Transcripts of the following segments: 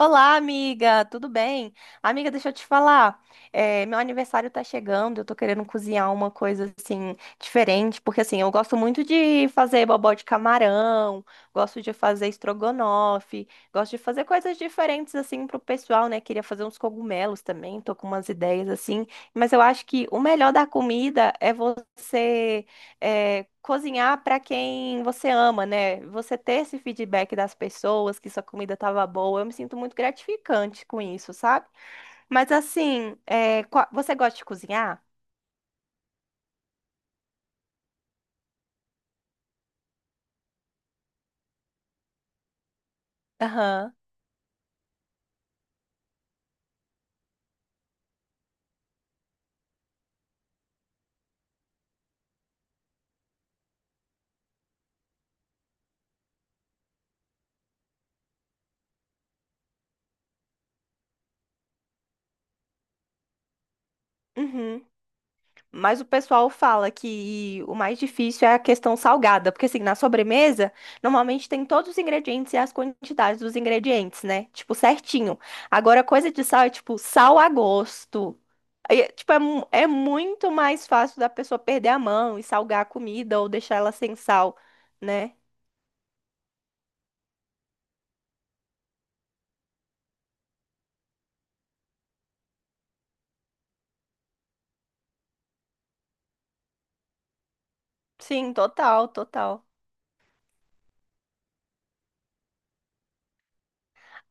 Olá, amiga, tudo bem? Amiga, deixa eu te falar. Meu aniversário tá chegando, eu tô querendo cozinhar uma coisa assim diferente, porque assim, eu gosto muito de fazer bobó de camarão, gosto de fazer estrogonofe, gosto de fazer coisas diferentes assim pro pessoal, né? Queria fazer uns cogumelos também, tô com umas ideias assim, mas eu acho que o melhor da comida é cozinhar para quem você ama, né? Você ter esse feedback das pessoas que sua comida estava boa, eu me sinto muito gratificante com isso, sabe? Mas assim, é, você gosta de cozinhar? Aham. Uhum. Mas o pessoal fala que o mais difícil é a questão salgada, porque assim, na sobremesa, normalmente tem todos os ingredientes e as quantidades dos ingredientes, né? Tipo, certinho. Agora, coisa de sal é tipo sal a gosto. Aí, é, tipo, é muito mais fácil da pessoa perder a mão e salgar a comida ou deixar ela sem sal, né? Sim, total, total.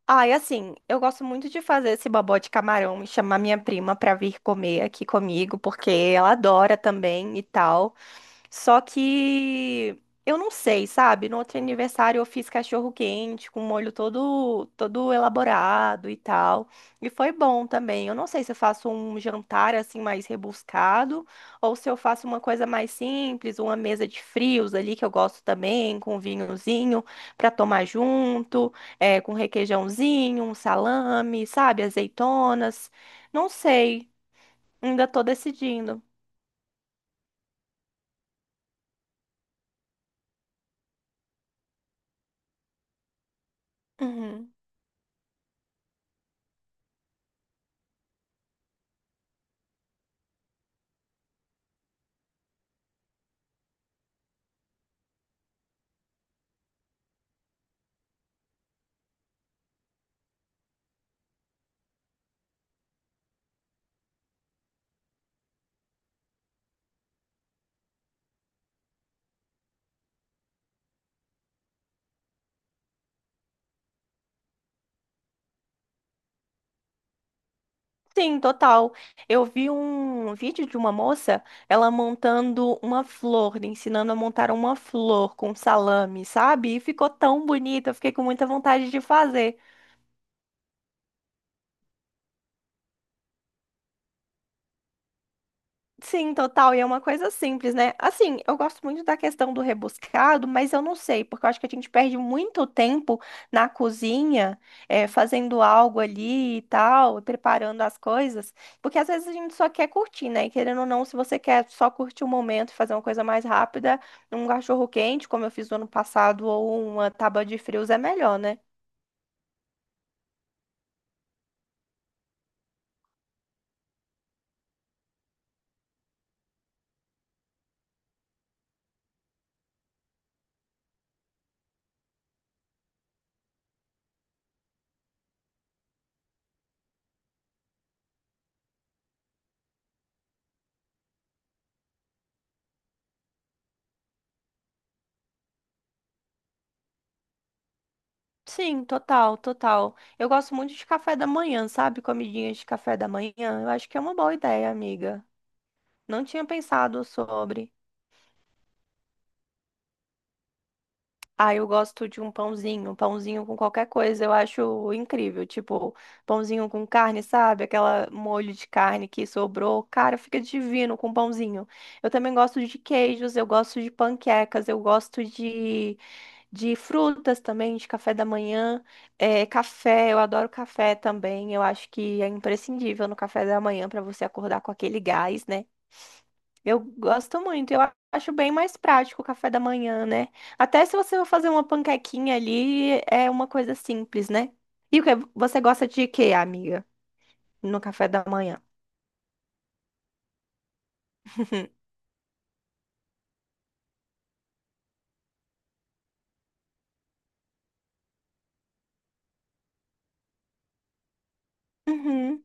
Ah, e assim, eu gosto muito de fazer esse bobó de camarão e chamar minha prima pra vir comer aqui comigo, porque ela adora também e tal. Só que eu não sei, sabe? No outro aniversário eu fiz cachorro quente com molho todo elaborado e tal. E foi bom também. Eu não sei se eu faço um jantar assim mais rebuscado ou se eu faço uma coisa mais simples, uma mesa de frios ali que eu gosto também, com vinhozinho para tomar junto, é, com requeijãozinho, um salame, sabe? Azeitonas. Não sei. Ainda tô decidindo. Uhum. Sim, total. Eu vi um vídeo de uma moça, ela montando uma flor, ensinando a montar uma flor com salame, sabe? E ficou tão bonita, eu fiquei com muita vontade de fazer. Sim, total. E é uma coisa simples, né? Assim, eu gosto muito da questão do rebuscado, mas eu não sei, porque eu acho que a gente perde muito tempo na cozinha, fazendo algo ali e tal, preparando as coisas, porque às vezes a gente só quer curtir, né? E querendo ou não, se você quer só curtir o momento e fazer uma coisa mais rápida, um cachorro quente, como eu fiz no ano passado, ou uma tábua de frios é melhor, né? Sim, total, total. Eu gosto muito de café da manhã, sabe? Comidinhas de café da manhã. Eu acho que é uma boa ideia, amiga. Não tinha pensado sobre. Ah, eu gosto de um pãozinho, pãozinho com qualquer coisa, eu acho incrível. Tipo, pãozinho com carne, sabe? Aquela molho de carne que sobrou. Cara, fica divino com pãozinho. Eu também gosto de queijos, eu gosto de panquecas, de frutas também, de café da manhã. É, café, eu adoro café também. Eu acho que é imprescindível no café da manhã para você acordar com aquele gás, né? Eu gosto muito. Eu acho bem mais prático o café da manhã, né? Até se você for fazer uma panquequinha ali, é uma coisa simples, né? E o que você gosta de quê, amiga? No café da manhã? Uhum.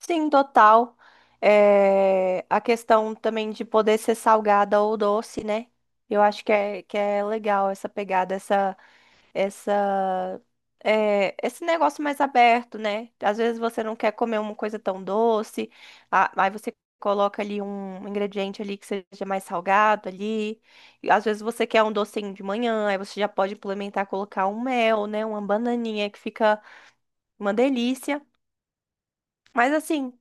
Sim, total. É, a questão também de poder ser salgada ou doce, né? Eu acho que que é legal essa pegada, essa esse negócio mais aberto, né? Às vezes você não quer comer uma coisa tão doce, aí você coloca ali um ingrediente ali que seja mais salgado ali. E às vezes você quer um docinho de manhã, aí você já pode implementar, colocar um mel, né? Uma bananinha que fica uma delícia. Mas assim,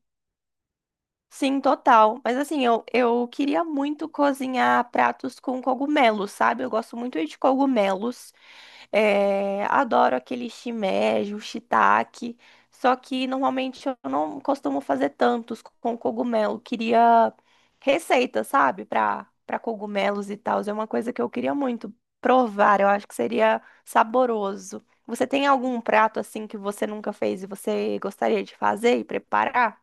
sim, total. Mas assim, eu queria muito cozinhar pratos com cogumelos, sabe? Eu gosto muito de cogumelos. É, adoro aquele shimeji, o shiitake, só que normalmente eu não costumo fazer tantos com cogumelo. Queria receita, sabe, para cogumelos e tal. É uma coisa que eu queria muito provar. Eu acho que seria saboroso. Você tem algum prato assim que você nunca fez e você gostaria de fazer e preparar?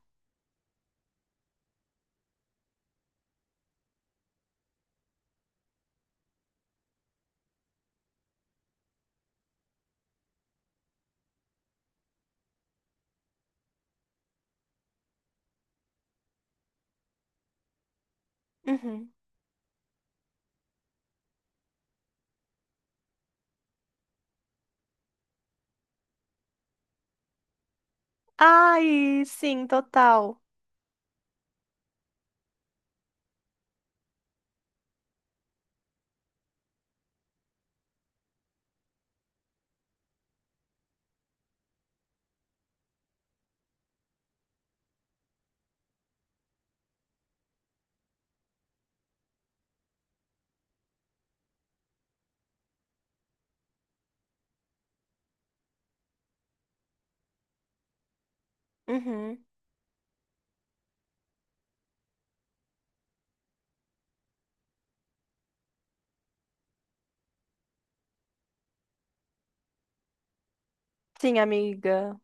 Uhum. Ai, sim, total. Uhum. Sim, amiga.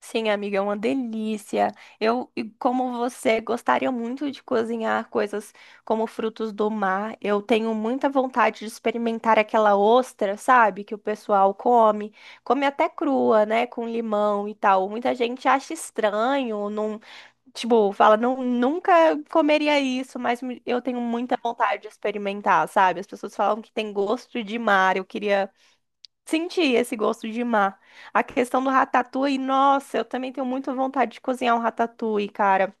Sim, amiga, é uma delícia. Eu, e como você, gostaria muito de cozinhar coisas como frutos do mar. Eu tenho muita vontade de experimentar aquela ostra, sabe? Que o pessoal come. Come até crua, né? Com limão e tal. Muita gente acha estranho, não, tipo, fala, não, nunca comeria isso, mas eu tenho muita vontade de experimentar, sabe? As pessoas falam que tem gosto de mar. Eu queria. Senti esse gosto de mar. A questão do ratatouille, nossa, eu também tenho muita vontade de cozinhar um ratatouille, cara.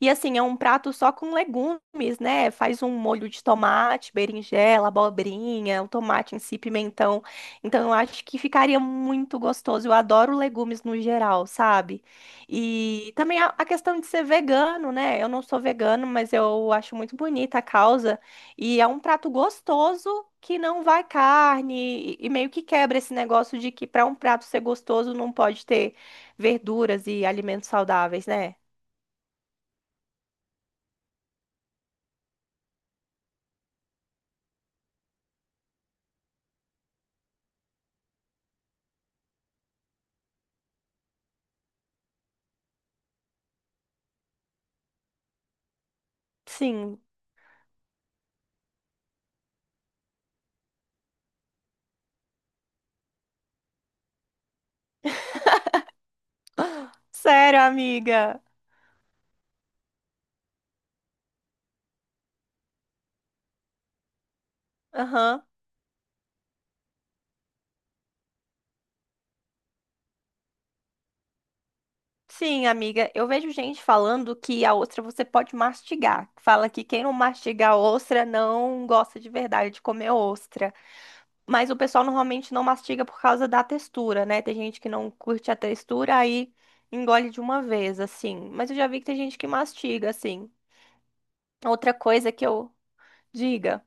E assim, é um prato só com legumes, né? Faz um molho de tomate, berinjela, abobrinha, o tomate em si, pimentão. Então, eu acho que ficaria muito gostoso. Eu adoro legumes no geral, sabe? E também a questão de ser vegano, né? Eu não sou vegano, mas eu acho muito bonita a causa. E é um prato gostoso que não vai carne e meio que quebra esse negócio de que para um prato ser gostoso não pode ter verduras e alimentos saudáveis, né? Sim. Sério, amiga. Aham. Sim, amiga. Eu vejo gente falando que a ostra você pode mastigar. Fala que quem não mastiga a ostra não gosta de verdade de comer ostra. Mas o pessoal normalmente não mastiga por causa da textura, né? Tem gente que não curte a textura, aí engole de uma vez, assim. Mas eu já vi que tem gente que mastiga, assim. Outra coisa que eu diga.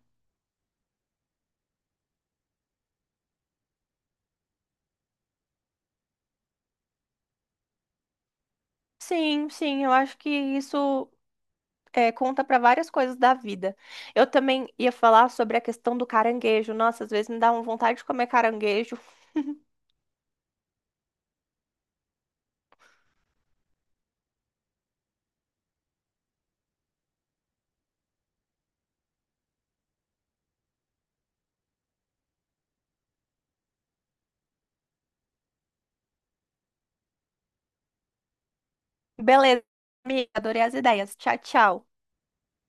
Sim, sim, eu acho que isso. É, conta para várias coisas da vida. Eu também ia falar sobre a questão do caranguejo. Nossa, às vezes me dá uma vontade de comer caranguejo. Beleza, amiga, adorei as ideias. Tchau, tchau.